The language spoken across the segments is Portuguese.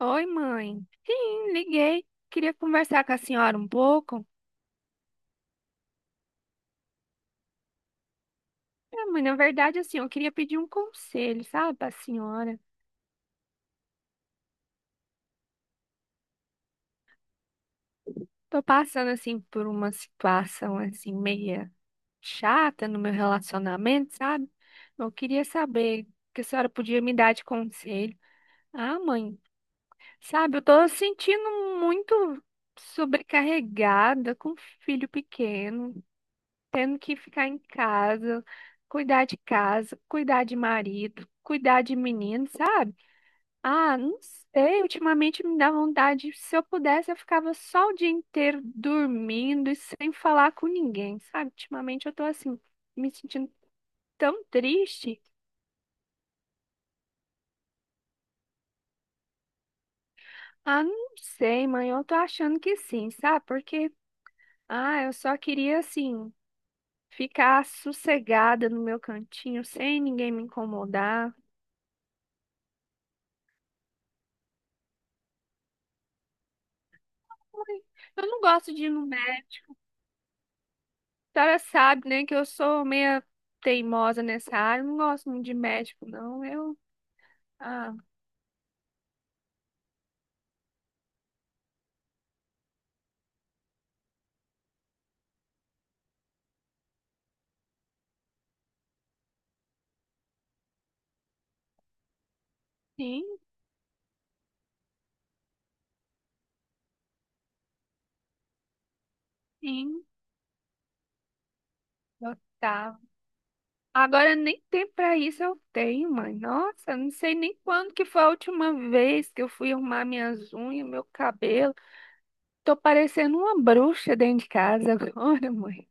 Oi, mãe. Sim, liguei. Queria conversar com a senhora um pouco. É, mãe, na verdade, assim, eu queria pedir um conselho, sabe, para senhora. Tô passando, assim, por uma situação, assim, meia chata no meu relacionamento, sabe? Eu queria saber o que a senhora podia me dar de conselho. Ah, mãe, sabe, eu tô sentindo muito sobrecarregada com um filho pequeno. Tendo que ficar em casa, cuidar de marido, cuidar de menino, sabe? Ah, não sei, ultimamente me dá vontade, se eu pudesse, eu ficava só o dia inteiro dormindo e sem falar com ninguém, sabe? Ultimamente eu tô assim, me sentindo tão triste. Ah, não sei, mãe, eu tô achando que sim, sabe? Porque, ah, eu só queria assim. Ficar sossegada no meu cantinho sem ninguém me incomodar. Ai, eu não gosto de ir no. A senhora sabe, né, que eu sou meia teimosa nessa área, não gosto muito de médico, não. Eu, ah, sim, sim, gostava. Agora nem tempo pra isso eu tenho, mãe. Nossa, não sei nem quando que foi a última vez que eu fui arrumar minhas unhas, meu cabelo. Tô parecendo uma bruxa dentro de casa agora, mãe.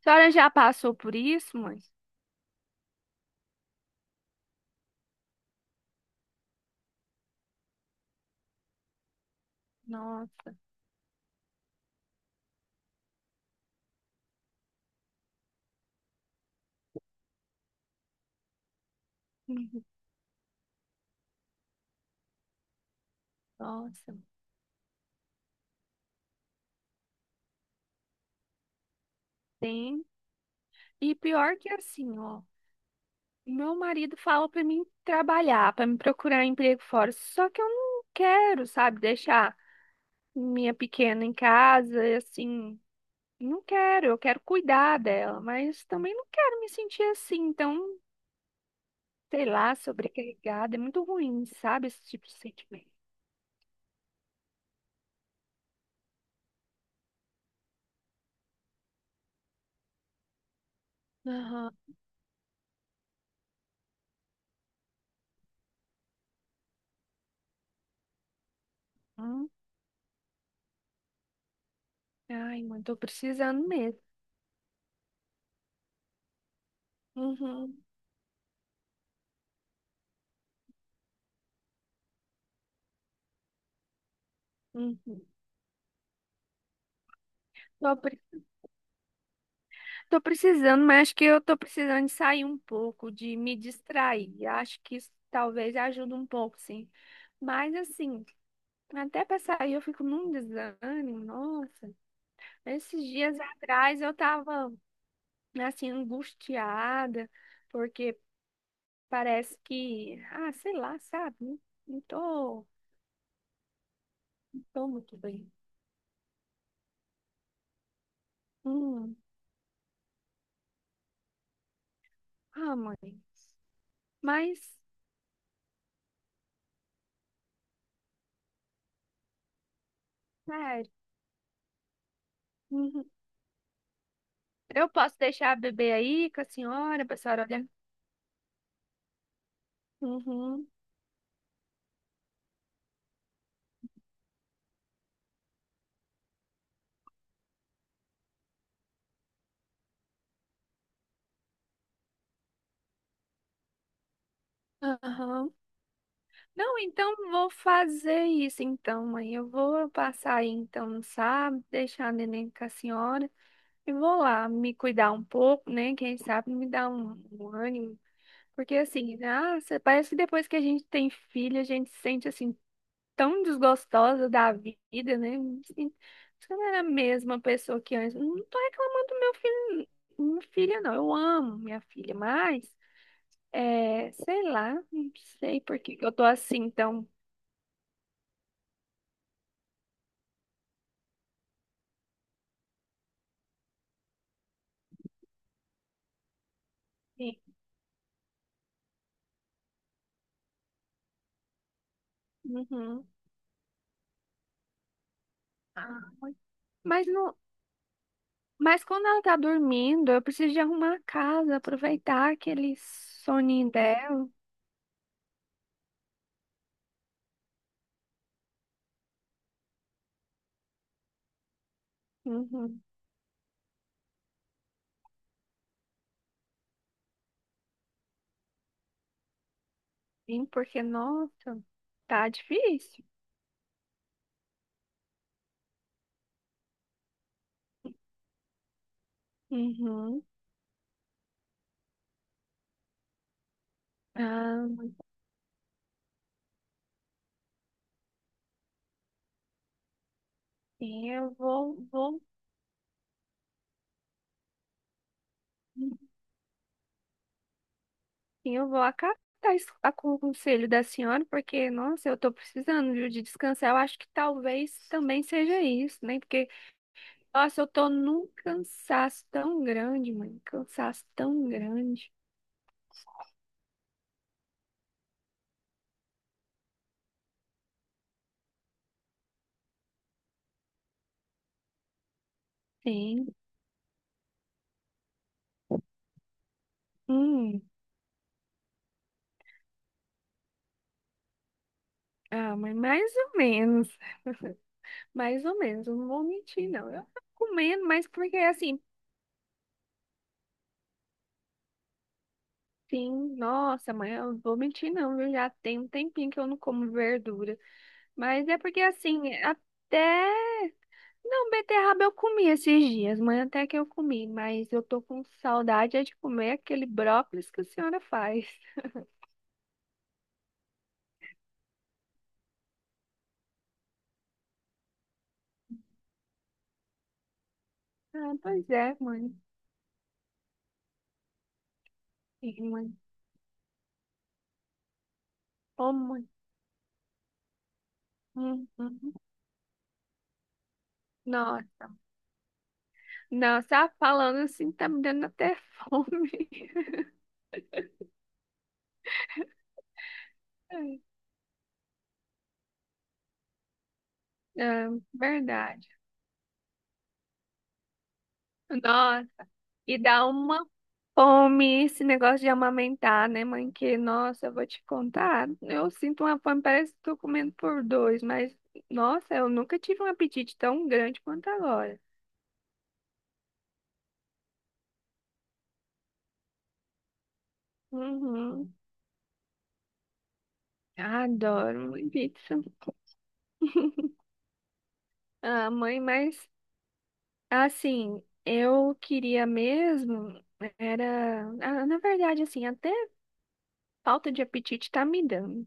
A senhora já passou por isso, mãe? Nossa, nossa. Tem. E pior que assim, ó. Meu marido fala pra mim trabalhar, pra me procurar emprego fora, só que eu não quero, sabe, deixar minha pequena em casa, e assim, não quero, eu quero cuidar dela, mas também não quero me sentir assim, então, sei lá, sobrecarregada, é muito ruim, sabe, esse tipo de sentimento. Aham. Ai, mãe, tô precisando mesmo. Uhum, uhum. Tô Tô precisando, mas acho que eu tô precisando de sair um pouco, de me distrair. Acho que isso talvez ajude um pouco, sim. Mas assim, até pra sair eu fico num desânimo, nossa. Esses dias atrás eu tava assim angustiada, porque parece que, ah, sei lá, sabe? Não não tô, não tô muito bem. Hum, ah, mãe. Mas, sério, uhum. Eu posso deixar a bebê aí com a senhora, pra senhora olhar? Uhum. Aham. Não, então vou fazer isso então, mãe. Eu vou passar aí então no sábado, deixar a neném com a senhora e vou lá me cuidar um pouco, né? Quem sabe me dar um ânimo. Porque assim, nossa, parece que depois que a gente tem filho, a gente se sente assim tão desgostosa da vida, né? Assim, se eu não era a mesma pessoa que antes. Não tô reclamando do meu filho, minha filha, não. Eu amo minha filha, mas. É, sei lá, não sei por que que eu tô assim, então. Sim. Uhum. Ah, mas não, mas quando ela tá dormindo, eu preciso de arrumar a casa, aproveitar aquele soninho dela. Uhum. Sim, porque, nossa, tá difícil. Uhum. Ah, sim, sim, eu vou acatar o conselho da senhora, porque, nossa, eu tô precisando, viu, de descansar. Eu acho que talvez também seja isso, né? Porque nossa, eu tô num cansaço tão grande, mãe. Cansaço tão grande. Sim. Hum. Ah, mas mais ou menos. Mais ou menos. Eu não vou mentir, não. Eu tô comendo, mas porque assim, sim, nossa, mãe, eu não vou mentir, não. Eu já tenho um tempinho que eu não como verdura. Mas é porque assim, até. Não, beterraba eu comi esses dias, mãe, até que eu comi. Mas eu tô com saudade é de comer aquele brócolis que a senhora faz. Ah, pois é, mãe. Sim, mãe. Ô, mãe. Uhum. Nossa. Nossa, ah, falando assim, tá me dando até fome. É, verdade. Nossa, e dá uma fome esse negócio de amamentar, né, mãe? Que, nossa, eu vou te contar. Eu sinto uma fome, parece que tô comendo por dois, mas, nossa, eu nunca tive um apetite tão grande quanto agora. Uhum. Adoro mãe, pizza. Ah, mãe, mas assim, eu queria mesmo, era, ah, na verdade, assim, até falta de apetite tá me dando,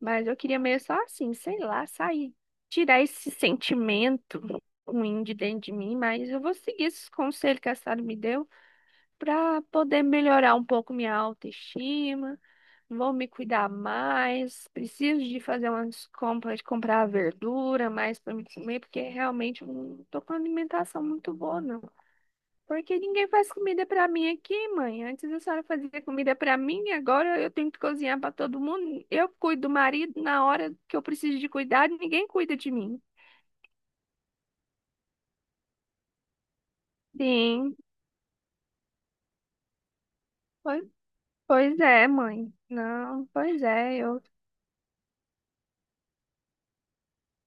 mas eu queria mesmo só assim, sei lá, sair, tirar esse sentimento ruim de dentro de mim, mas eu vou seguir esses conselhos que a Sara me deu para poder melhorar um pouco minha autoestima, vou me cuidar mais, preciso de fazer umas compras, de comprar verdura mais para me comer, porque realmente eu não tô com uma alimentação muito boa, não. Porque ninguém faz comida pra mim aqui, mãe. Antes a senhora fazia comida pra mim, agora eu tenho que cozinhar pra todo mundo. Eu cuido do marido na hora que eu preciso de cuidado, ninguém cuida de mim. Sim, pois, pois é, mãe. Não, pois é, eu.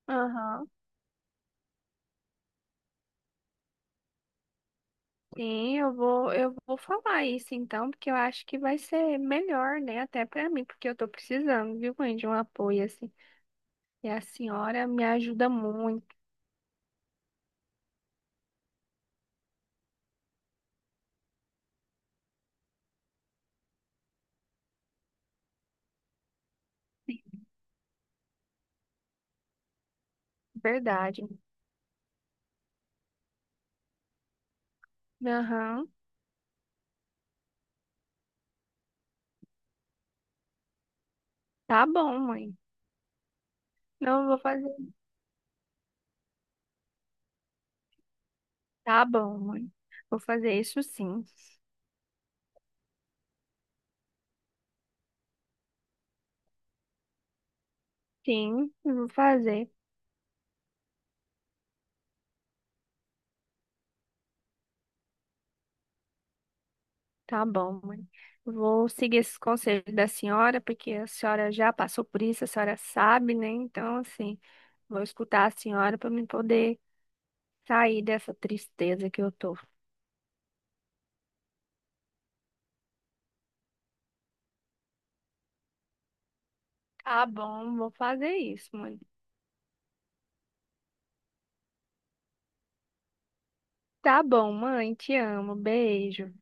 Aham. Sim, eu vou falar isso então, porque eu acho que vai ser melhor, né, até pra mim, porque eu tô precisando, viu, mãe, de um apoio assim. E a senhora me ajuda muito, verdade. Aham. Tá bom, mãe. Não, eu vou fazer. Tá bom, mãe. Vou fazer isso sim. Sim, vou fazer. Tá bom, mãe. Vou seguir esses conselhos da senhora, porque a senhora já passou por isso, a senhora sabe, né? Então, assim, vou escutar a senhora para me poder sair dessa tristeza que eu tô. Tá bom, vou fazer isso, mãe. Tá bom, mãe. Te amo. Beijo.